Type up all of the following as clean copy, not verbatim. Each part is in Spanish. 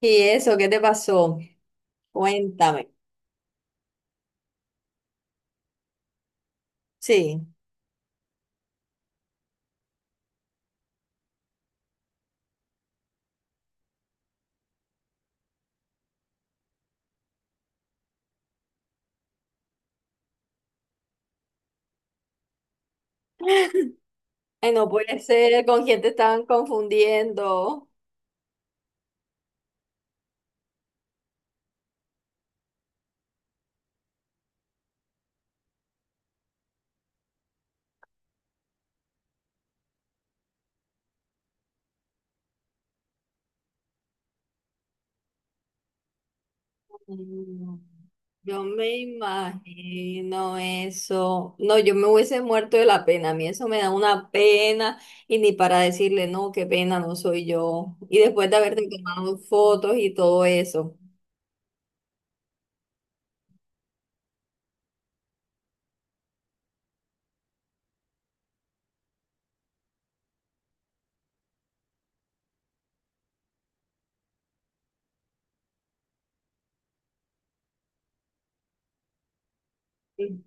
¿Y eso qué te pasó? Cuéntame. Sí. Ay, no puede ser, ¿con quién te estaban confundiendo? Mm, yo me imagino eso. No, yo me hubiese muerto de la pena. A mí eso me da una pena y ni para decirle, no, qué pena, no soy yo. Y después de haberte tomado fotos y todo eso. Sí.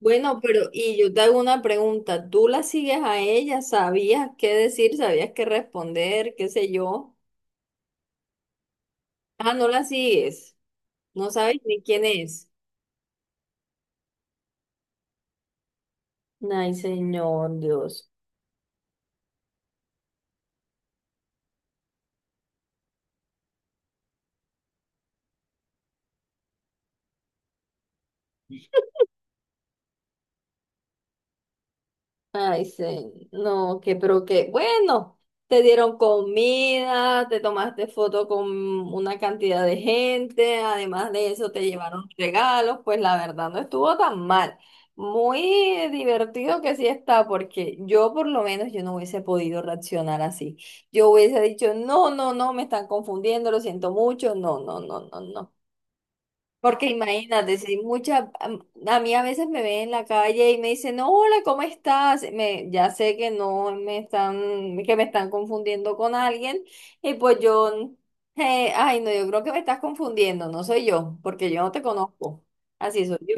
Bueno, pero y yo te hago una pregunta. ¿Tú la sigues a ella? ¿Sabías qué decir? ¿Sabías qué responder? ¿Qué sé yo? Ah, no la sigues. No sabes ni quién es. Ay, Señor Dios. Ay, Señor. No, que, pero que, bueno, te dieron comida, te tomaste foto con una cantidad de gente, además de eso te llevaron regalos, pues la verdad no estuvo tan mal. Muy divertido que sí está, porque yo por lo menos yo no hubiese podido reaccionar así. Yo hubiese dicho, no, no, no, me están confundiendo, lo siento mucho, no, no, no, no, no. Porque imagínate, si mucha, a mí a veces me ven en la calle y me dicen, "No, hola, ¿cómo estás?" Me, ya sé que no me están, que me están confundiendo con alguien, y pues yo, ay, no, yo creo que me estás confundiendo, no soy yo, porque yo no te conozco. Así soy yo.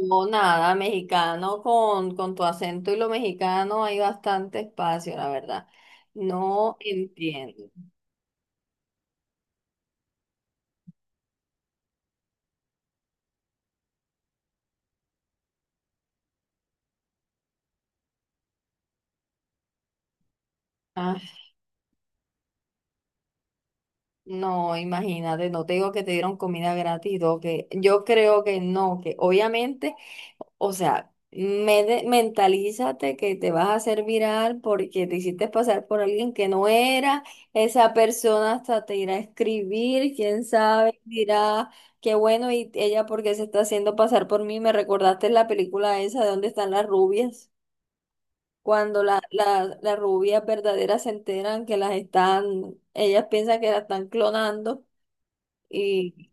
No, nada, mexicano con tu acento y lo mexicano hay bastante espacio, la verdad. No entiendo. No, imagínate, no te digo que te dieron comida gratis, todo, que yo creo que no, que obviamente, o sea, mentalízate que te vas a hacer viral porque te hiciste pasar por alguien que no era, esa persona hasta te irá a escribir, quién sabe, dirá, qué bueno, y ella porque se está haciendo pasar por mí. Me recordaste la película esa de dónde están las rubias, cuando las rubias verdaderas se enteran que las están, ellas piensan que las están clonando y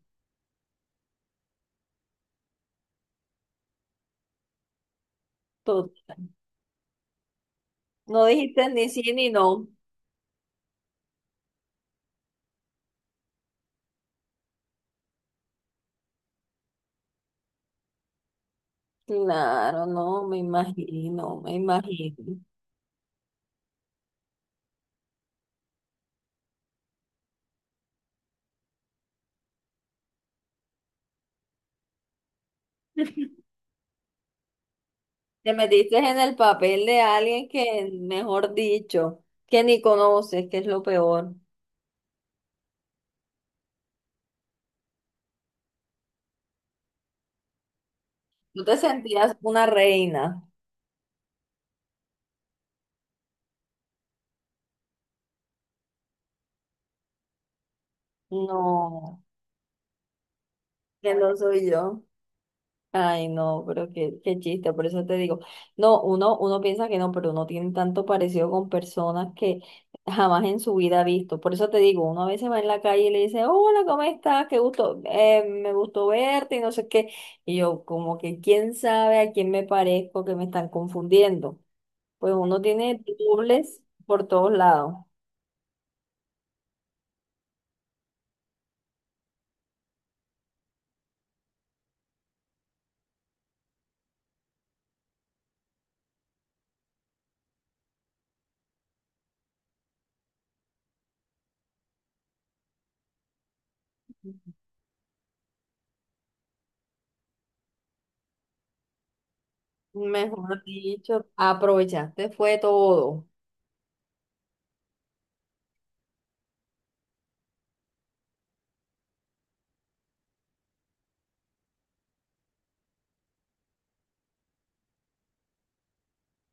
todo. No dijiste ni sí ni no. Claro, no, me imagino, me imagino. Te metiste en el papel de alguien que, mejor dicho, que ni conoces, que es lo peor. Tú te sentías una reina. No, que no soy yo. Ay, no, pero qué, qué chiste, por eso te digo, no, uno, uno piensa que no, pero uno tiene tanto parecido con personas que jamás en su vida ha visto. Por eso te digo, uno a veces va en la calle y le dice, hola, ¿cómo estás? Qué gusto, me gustó verte y no sé qué. Y yo, como que quién sabe a quién me parezco que me están confundiendo. Pues uno tiene dobles por todos lados. Mejor dicho, aprovechaste fue todo.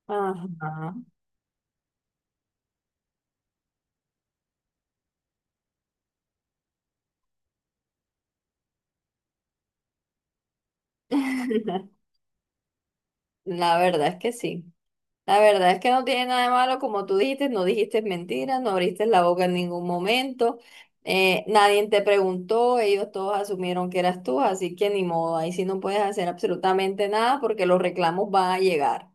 Ajá. La verdad es que sí. La verdad es que no tiene nada de malo, como tú dijiste, no dijiste mentiras, no abriste la boca en ningún momento, nadie te preguntó, ellos todos asumieron que eras tú, así que ni modo, ahí sí no puedes hacer absolutamente nada porque los reclamos van a llegar.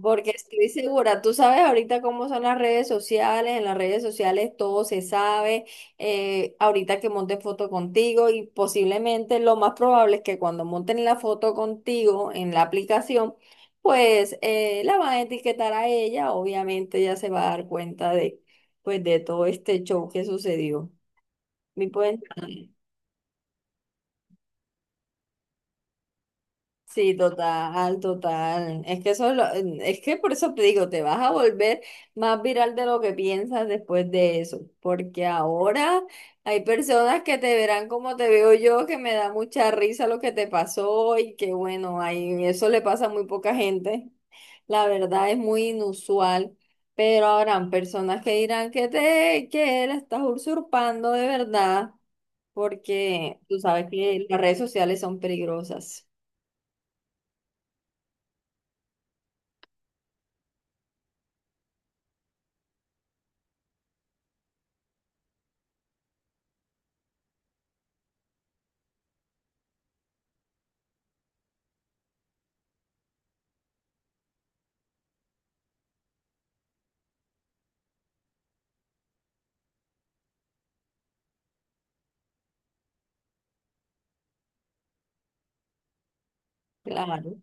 Porque estoy segura, tú sabes ahorita cómo son las redes sociales, en las redes sociales todo se sabe, ahorita que monte foto contigo y posiblemente lo más probable es que cuando monten la foto contigo en la aplicación, pues la van a etiquetar a ella, obviamente ella se va a dar cuenta de, pues, de todo este show que sucedió. Sí, total, total. Es que eso es, es que por eso te digo, te vas a volver más viral de lo que piensas después de eso, porque ahora hay personas que te verán como te veo yo, que me da mucha risa lo que te pasó y que bueno, ahí eso le pasa a muy poca gente. La verdad es muy inusual, pero habrán personas que dirán que te, que la estás usurpando de verdad, porque tú sabes que las redes sociales son peligrosas. Claro.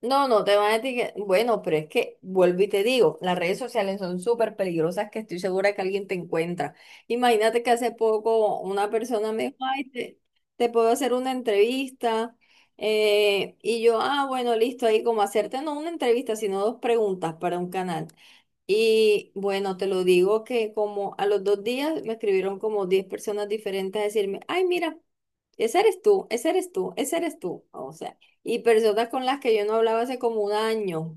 No, no te van a etiquetar. Bueno, pero es que vuelvo y te digo, las redes sociales son súper peligrosas, que estoy segura que alguien te encuentra. Imagínate que hace poco una persona me dijo, ay, te puedo hacer una entrevista. Y yo, ah, bueno, listo, ahí como hacerte no una entrevista, sino dos preguntas para un canal. Y bueno, te lo digo que como a los 2 días me escribieron como 10 personas diferentes a decirme, ay, mira. Ese eres tú, ese eres tú, ese eres tú. O sea, y personas con las que yo no hablaba hace como un año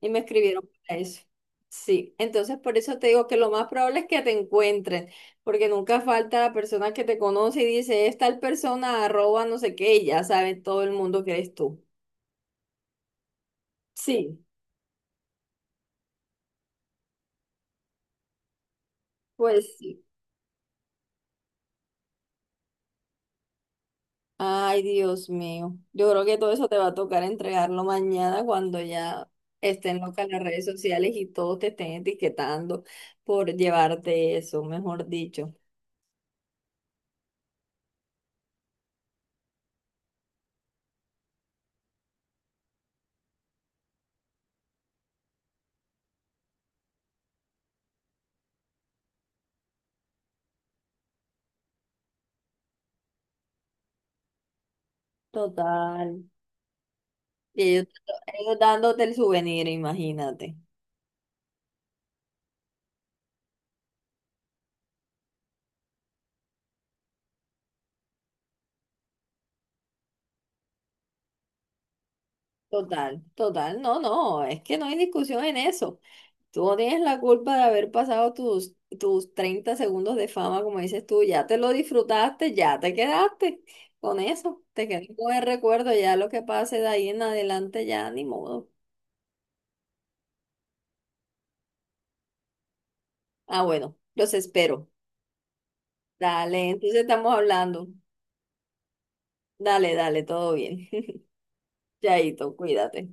y me escribieron para eso. Sí, entonces por eso te digo que lo más probable es que te encuentren, porque nunca falta la persona que te conoce y dice, es tal persona, arroba, no sé qué, y ya sabe todo el mundo que eres tú. Sí, pues sí. Ay, Dios mío. Yo creo que todo eso te va a tocar entregarlo mañana cuando ya estén locas las redes sociales y todos te estén etiquetando por llevarte eso, mejor dicho. Total. Y ellos dándote el souvenir, imagínate. Total, total. No, no, es que no hay discusión en eso. Tú no tienes la culpa de haber pasado tus, tus 30 segundos de fama, como dices tú. Ya te lo disfrutaste, ya te quedaste con eso, te quedaste con el recuerdo, ya lo que pase de ahí en adelante, ya ni modo. Ah, bueno, los espero. Dale, entonces estamos hablando. Dale, dale, todo bien. Chaito, cuídate.